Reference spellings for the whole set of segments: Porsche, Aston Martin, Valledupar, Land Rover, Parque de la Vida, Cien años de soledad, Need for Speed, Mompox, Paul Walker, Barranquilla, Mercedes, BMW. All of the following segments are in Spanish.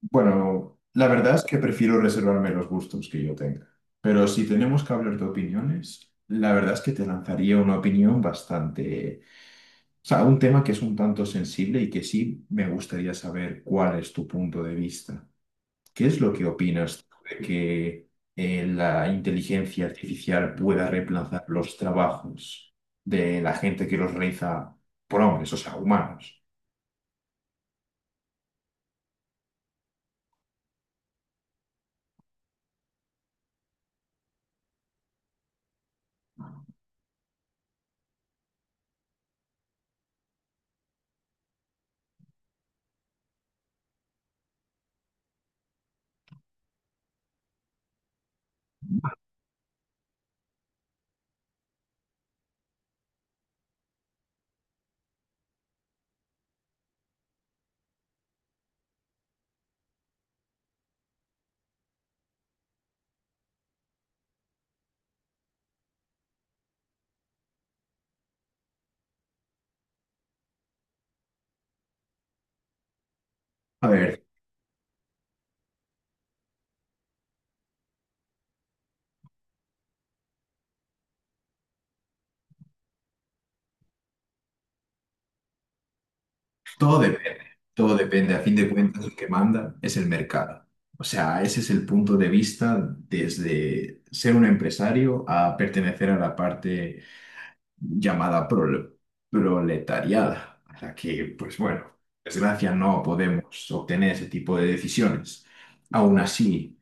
Bueno, la verdad es que prefiero reservarme los gustos que yo tenga. Pero si tenemos que hablar de opiniones, la verdad es que te lanzaría una opinión bastante... O sea, un tema que es un tanto sensible y que sí me gustaría saber cuál es tu punto de vista. ¿Qué es lo que opinas tú de que la inteligencia artificial pueda reemplazar los trabajos de la gente que los realiza por hombres, o sea, humanos? A ver. Todo depende, todo depende. A fin de cuentas, el que manda es el mercado. O sea, ese es el punto de vista desde ser un empresario a pertenecer a la parte llamada proletariada, a la que, pues bueno, desgracia no podemos obtener ese tipo de decisiones. Aún así,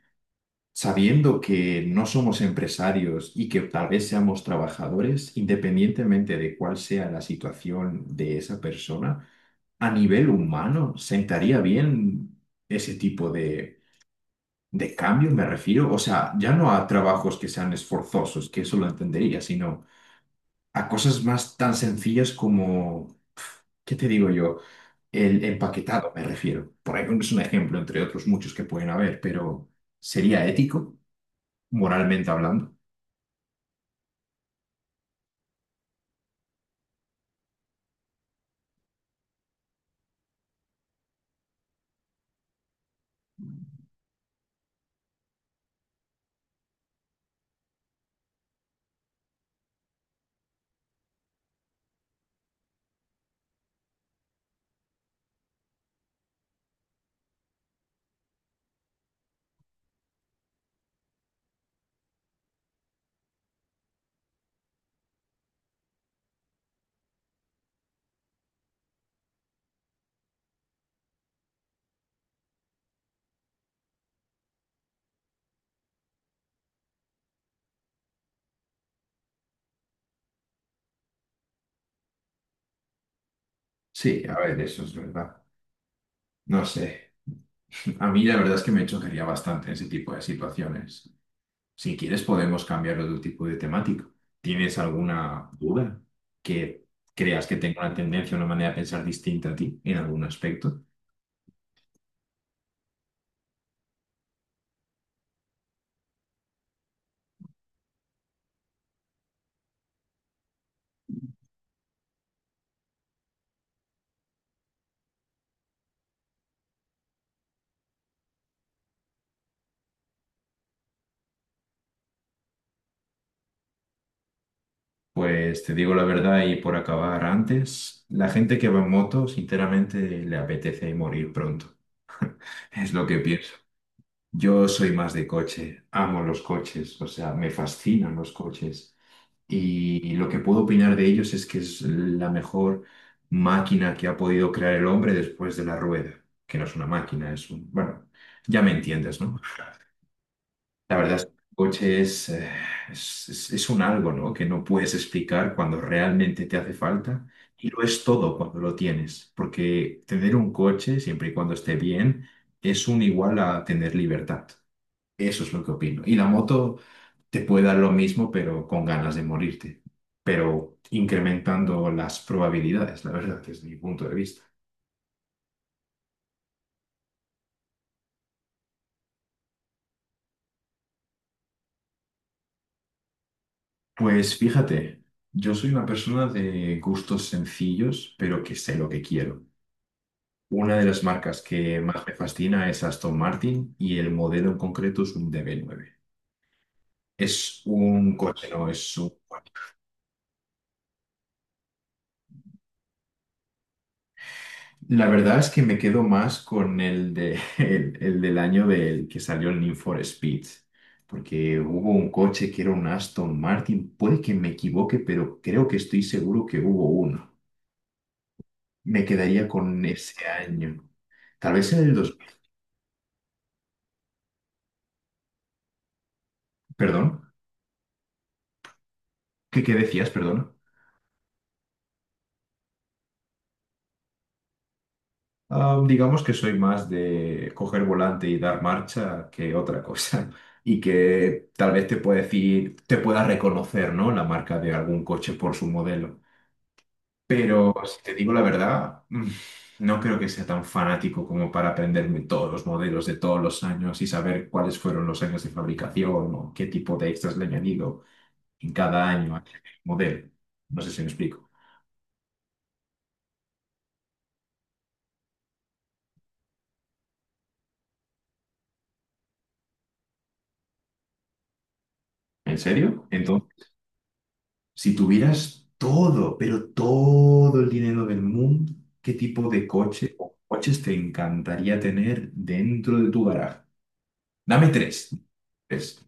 sabiendo que no somos empresarios y que tal vez seamos trabajadores, independientemente de cuál sea la situación de esa persona, a nivel humano, ¿sentaría bien ese tipo de cambios me refiero? O sea, ya no a trabajos que sean esforzosos, que eso lo entendería, sino a cosas más tan sencillas como, ¿qué te digo yo? El empaquetado, me refiero. Por ahí es un ejemplo, entre otros muchos que pueden haber, pero ¿sería ético? Moralmente hablando. Sí, a ver, eso es verdad. No sé. A mí la verdad es que me chocaría bastante ese tipo de situaciones. Si quieres, podemos cambiar de tipo de temática. ¿Tienes alguna duda que creas que tenga una tendencia, una manera de pensar distinta a ti en algún aspecto? Pues te digo la verdad y por acabar antes, la gente que va en moto, sinceramente, le apetece morir pronto. Es lo que pienso. Yo soy más de coche, amo los coches, o sea, me fascinan los coches. Y lo que puedo opinar de ellos es que es la mejor máquina que ha podido crear el hombre después de la rueda, que no es una máquina, es un... Bueno, ya me entiendes, ¿no? La verdad es que el coche es un algo, ¿no? Que no puedes explicar cuando realmente te hace falta y lo es todo cuando lo tienes, porque tener un coche, siempre y cuando esté bien, es un igual a tener libertad. Eso es lo que opino. Y la moto te puede dar lo mismo, pero con ganas de morirte, pero incrementando las probabilidades, la verdad, desde mi punto de vista. Pues fíjate, yo soy una persona de gustos sencillos, pero que sé lo que quiero. Una de las marcas que más me fascina es Aston Martin y el modelo en concreto es un DB9. Es un coche, no es un... La verdad es que me quedo más con el del año del que salió el Need for Speed, porque hubo un coche que era un Aston Martin, puede que me equivoque, pero creo que estoy seguro que hubo uno. Me quedaría con ese año. Tal vez en el 2000, perdón, ¿qué decías, perdón? Ah, digamos que soy más de coger volante y dar marcha que otra cosa. Y que tal vez te puede decir, te pueda reconocer, ¿no? La marca de algún coche por su modelo. Pero si te digo la verdad, no creo que sea tan fanático como para aprenderme todos los modelos de todos los años y saber cuáles fueron los años de fabricación o qué tipo de extras le han añadido en cada año a cada modelo. No sé si me explico. ¿En serio? Entonces, si tuvieras todo, pero todo el dinero del mundo, ¿qué tipo de coche o coches te encantaría tener dentro de tu garaje? Dame tres. Tres.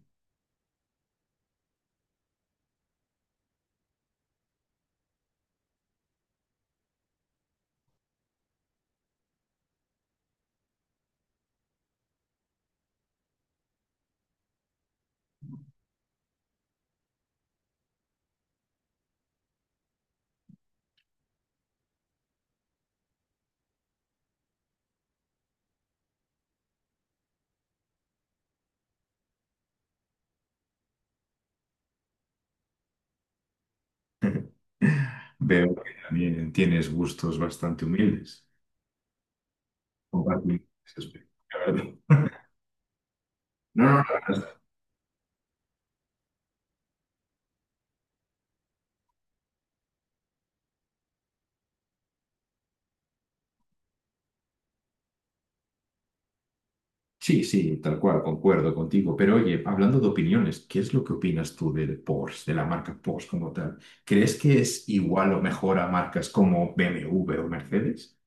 Veo que también tienes gustos bastante humildes. Compartimos ese aspecto, la verdad. No, no, no. Sí, sí, tal cual, concuerdo contigo. Pero oye, hablando de opiniones, ¿qué es lo que opinas tú del Porsche, de la marca Porsche como tal? ¿Crees que es igual o mejor a marcas como BMW o Mercedes?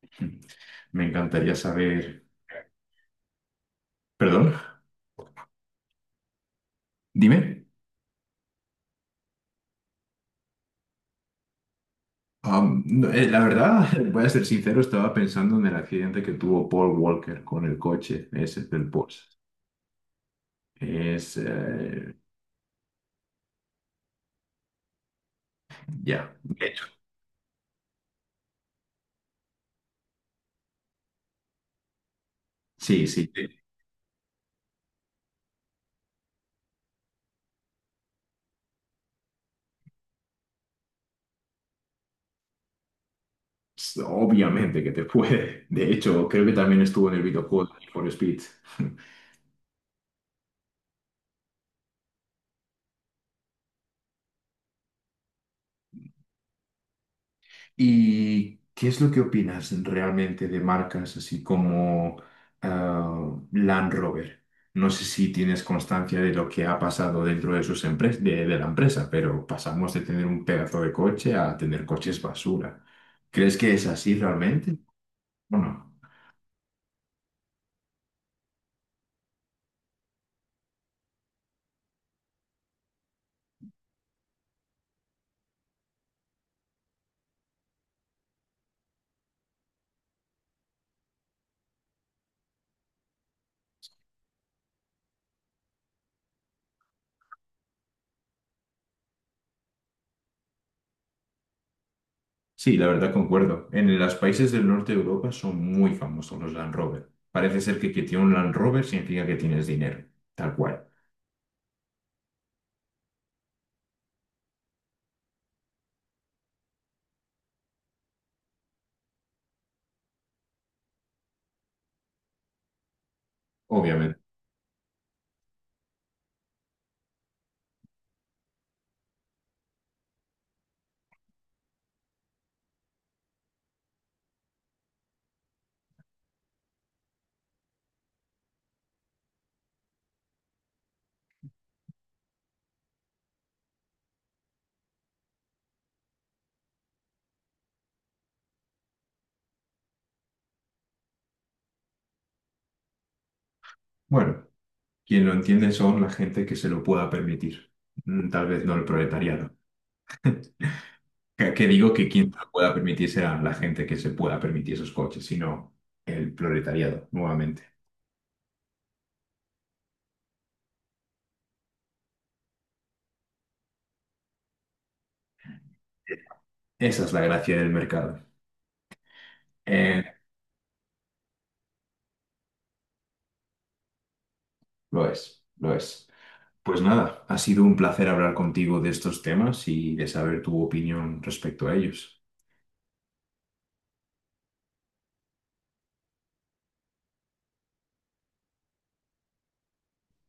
Me encantaría saber. Perdón, dime. No, la verdad, voy a ser sincero, estaba pensando en el accidente que tuvo Paul Walker con el coche ese del Porsche. Es, eh, ya, de hecho. Sí, sí, obviamente que te puede. De hecho, creo que también estuvo en el videojuego de Need for Speed. ¿Y qué es lo que opinas realmente de marcas así como Land Rover? No sé si tienes constancia de lo que ha pasado dentro de sus de la empresa, pero pasamos de tener un pedazo de coche a tener coches basura. ¿Crees que es así realmente? Bueno. Sí, la verdad concuerdo. En los países del norte de Europa son muy famosos los Land Rover. Parece ser que quien tiene un Land Rover significa que tienes dinero, tal cual, obviamente. Bueno, quien lo entiende son la gente que se lo pueda permitir. Tal vez no el proletariado. Que digo que quien se lo pueda permitir será la gente que se pueda permitir esos coches, sino el proletariado, nuevamente. Esa es la gracia del mercado. Eh, lo es, lo es. Pues nada, ha sido un placer hablar contigo de estos temas y de saber tu opinión respecto a ellos.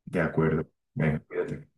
De acuerdo. Venga, cuídate.